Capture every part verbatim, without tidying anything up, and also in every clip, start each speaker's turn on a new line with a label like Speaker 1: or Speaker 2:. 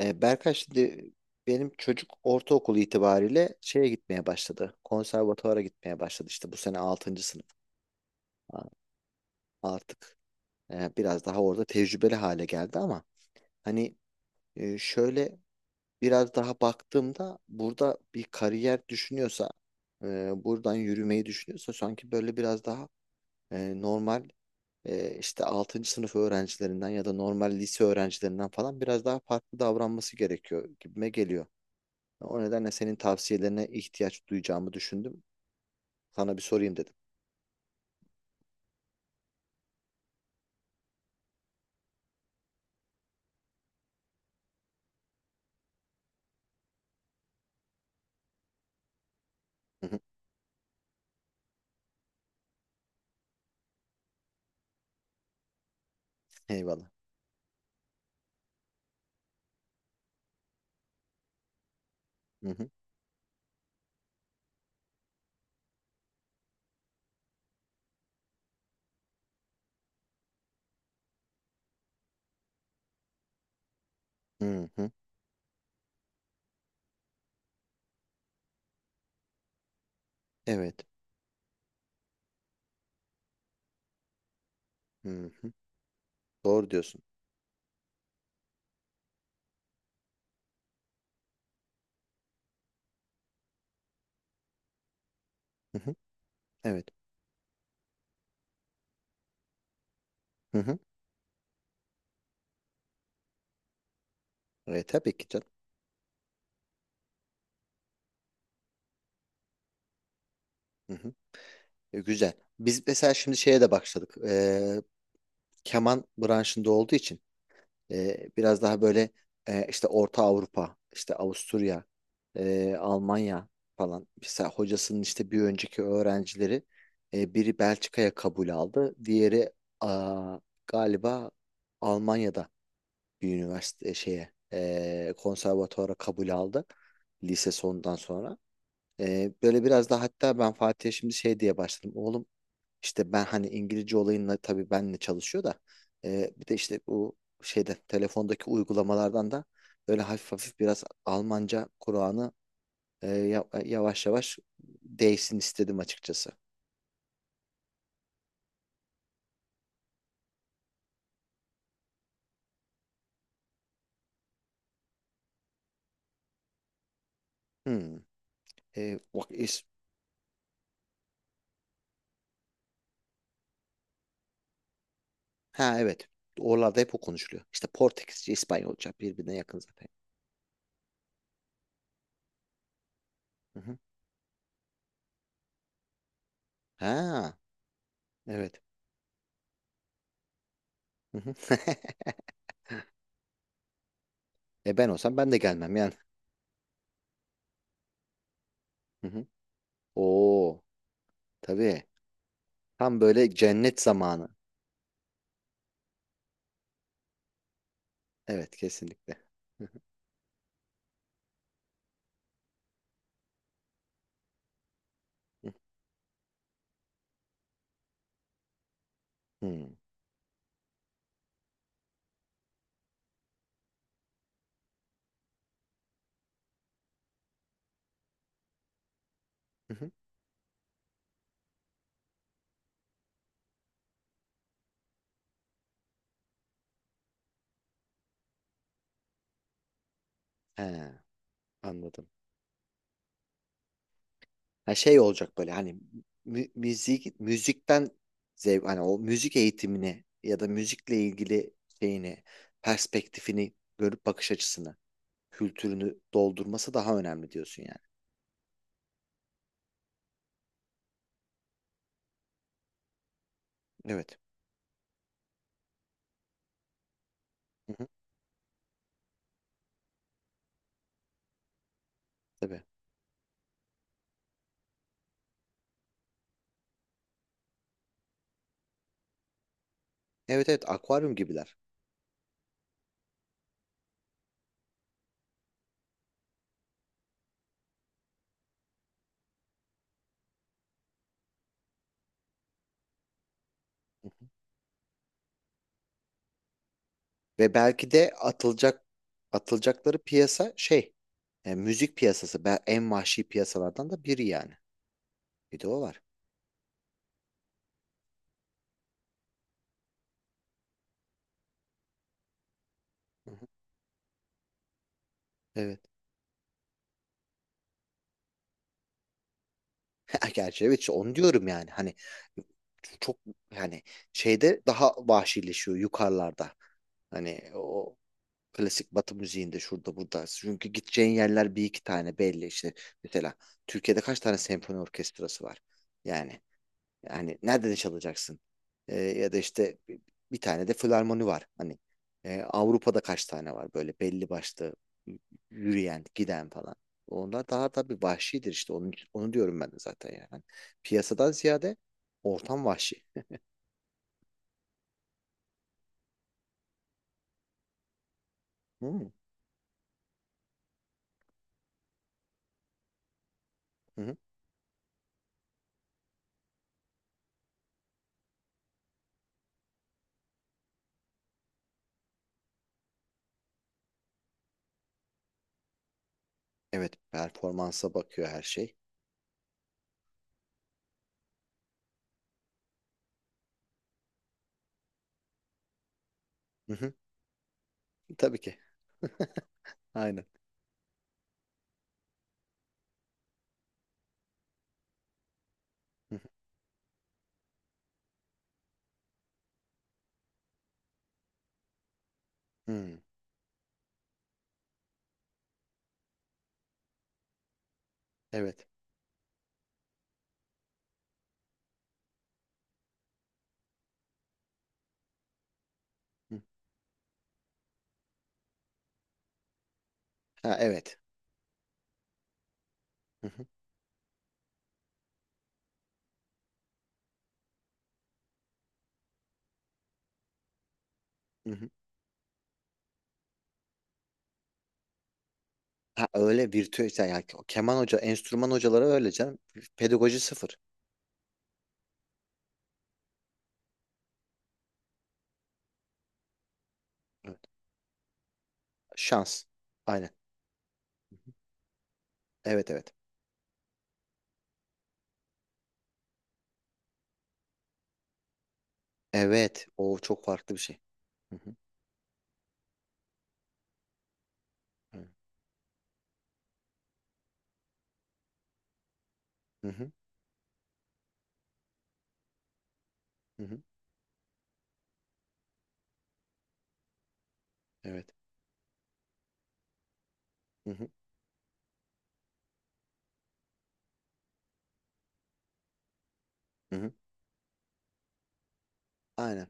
Speaker 1: E, Berkay şimdi benim çocuk ortaokul itibariyle şeye gitmeye başladı. Konservatuvara gitmeye başladı işte bu sene altıncı sınıf. A- Artık e, biraz daha orada tecrübeli hale geldi ama hani e, şöyle biraz daha baktığımda burada bir kariyer düşünüyorsa e, buradan yürümeyi düşünüyorsa sanki böyle biraz daha e, normal e, işte altıncı sınıf öğrencilerinden ya da normal lise öğrencilerinden falan biraz daha farklı davranması gerekiyor gibime geliyor. O nedenle senin tavsiyelerine ihtiyaç duyacağımı düşündüm. Sana bir sorayım dedim. Hı hı. Eyvallah. Hı hı. Hı hı. Evet. Hı hı. Doğru diyorsun. Hı hı. Evet. Hı hı. E, tabii ki canım. Hı hı. E, güzel. Biz mesela şimdi şeye de başladık. E, keman branşında olduğu için E, biraz daha böyle e, işte Orta Avrupa, işte Avusturya, e, Almanya falan. Mesela hocasının işte bir önceki öğrencileri e, biri Belçika'ya kabul aldı. Diğeri aa, galiba Almanya'da bir üniversite e, şeye e, konservatuara kabul aldı lise sonundan sonra. E, böyle biraz da hatta ben Fatih'e şimdi şey diye başladım. Oğlum işte ben hani İngilizce olayınla tabii benle çalışıyor da e, bir de işte bu şeyde telefondaki uygulamalardan da böyle hafif hafif biraz Almanca Kur'an'ı e, ya- yavaş yavaş değişsin istedim açıkçası. Hmm. E, bak, is- ha evet. Oralarda hep o konuşuluyor. İşte Portekizce, İspanyolca birbirine yakın zaten. Hı hı. Ha evet. Hı hı. E ben olsam ben de gelmem yani. Hı hı. Oo tabii. Tam böyle cennet zamanı. Evet, kesinlikle. Hı hı. Hmm. Hı hı. He, anladım. Ha, şey olacak böyle hani mü- müzik müzikten zevk hani o müzik eğitimini ya da müzikle ilgili şeyini perspektifini görüp bakış açısını kültürünü doldurması daha önemli diyorsun yani. Evet. Hı hı. Tabii. Evet, evet, akvaryum gibiler. Hı hı. Ve belki de atılacak atılacakları piyasa şey e, müzik piyasası, Be- en vahşi piyasalardan da biri yani. Bir de o var. Hı hı. Evet. Ya gerçi evet, işte onu diyorum yani hani çok yani şeyde daha vahşileşiyor yukarılarda. Hani o klasik Batı müziğinde şurada burada. Çünkü gideceğin yerler bir iki tane belli işte. Mesela Türkiye'de kaç tane senfoni orkestrası var? Yani, yani nerede çalacaksın? Ee, ya da işte bir bir tane de filarmoni var. Hani e, Avrupa'da kaç tane var böyle belli başlı y- yürüyen, giden falan. Onlar daha tabii vahşidir işte. Onu, onu diyorum ben de zaten yani. Hani piyasadan ziyade ortam vahşi. Hmm. Hı hı. Evet, performansa bakıyor her şey. Hı hı. Tabii ki. Aynen. Hı hı. Hmm. Evet. Hı. Ha evet. Hı hı. Hı hı. Ha, öyle virtüel işte, yani keman hoca, enstrüman hocaları öyle canım. Pedagoji sıfır. Evet. Şans. Aynen. Evet, evet. Evet. O çok farklı bir şey. Hı hı. Evet. Hı hı. Hı hı. Evet. Hı hı. Hı hı. Aynen.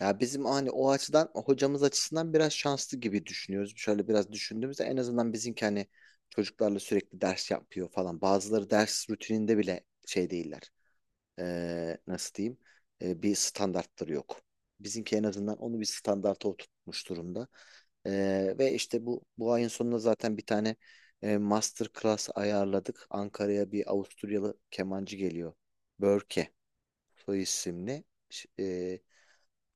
Speaker 1: Ya bizim hani o açıdan hocamız açısından biraz şanslı gibi düşünüyoruz. Şöyle biraz düşündüğümüzde en azından bizimki hani çocuklarla sürekli ders yapıyor falan. Bazıları ders rutininde bile şey değiller. E, nasıl diyeyim, e, bir standartları yok. Bizimki en azından onu bir standarta oturtmuş durumda. E, ve işte bu bu ayın sonunda zaten bir tane e, master class ayarladık. Ankara'ya bir Avusturyalı kemancı geliyor. Börke soy isimli. Ş- e,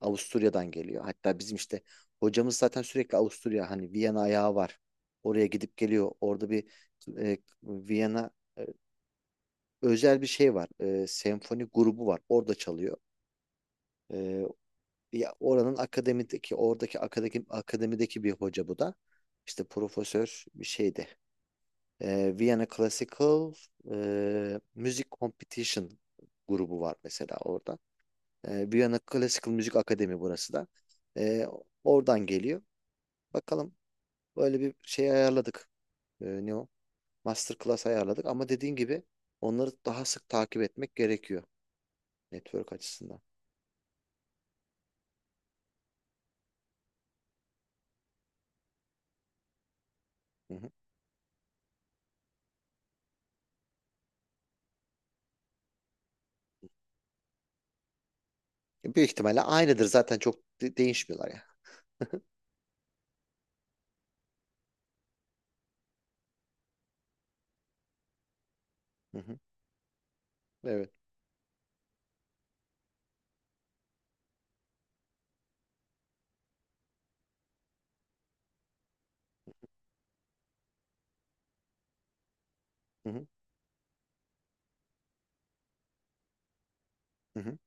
Speaker 1: Avusturya'dan geliyor. Hatta bizim işte hocamız zaten sürekli Avusturya, hani Viyana ayağı var. Oraya gidip geliyor. Orada bir e, Viyana e, özel bir şey var. E, senfoni grubu var. Orada çalıyor. Ee, Ya oranın akademideki, oradaki akademi akademideki bir hoca bu da. İşte profesör bir şeydi. Ee, Vienna Classical e, Music Competition grubu var mesela orada. Ee, Vienna Classical Müzik Akademi burası da. Ee, Oradan geliyor. Bakalım, böyle bir şey ayarladık. Ee, ne o? Masterclass ayarladık ama dediğin gibi onları daha sık takip etmek gerekiyor network açısından. Hı hı. Büyük ihtimalle aynıdır zaten, çok de- değişmiyorlar ya. Hı hı. Evet. Hı hı. Hı hı.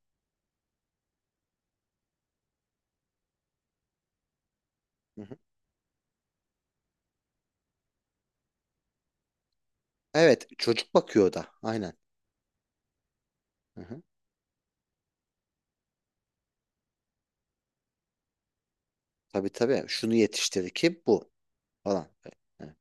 Speaker 1: Hı hı. Evet, çocuk bakıyor o da. Aynen. Hı hı. Tabii, tabii. Şunu yetiştirdi ki bu falan. Evet.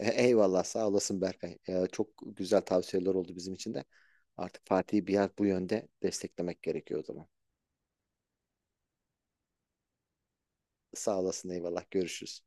Speaker 1: E- Eyvallah, sağ olasın Berkay. E, çok güzel tavsiyeler oldu bizim için de. Artık Fatih'i biraz bu yönde desteklemek gerekiyor o zaman. Sağ olasın, eyvallah. Görüşürüz.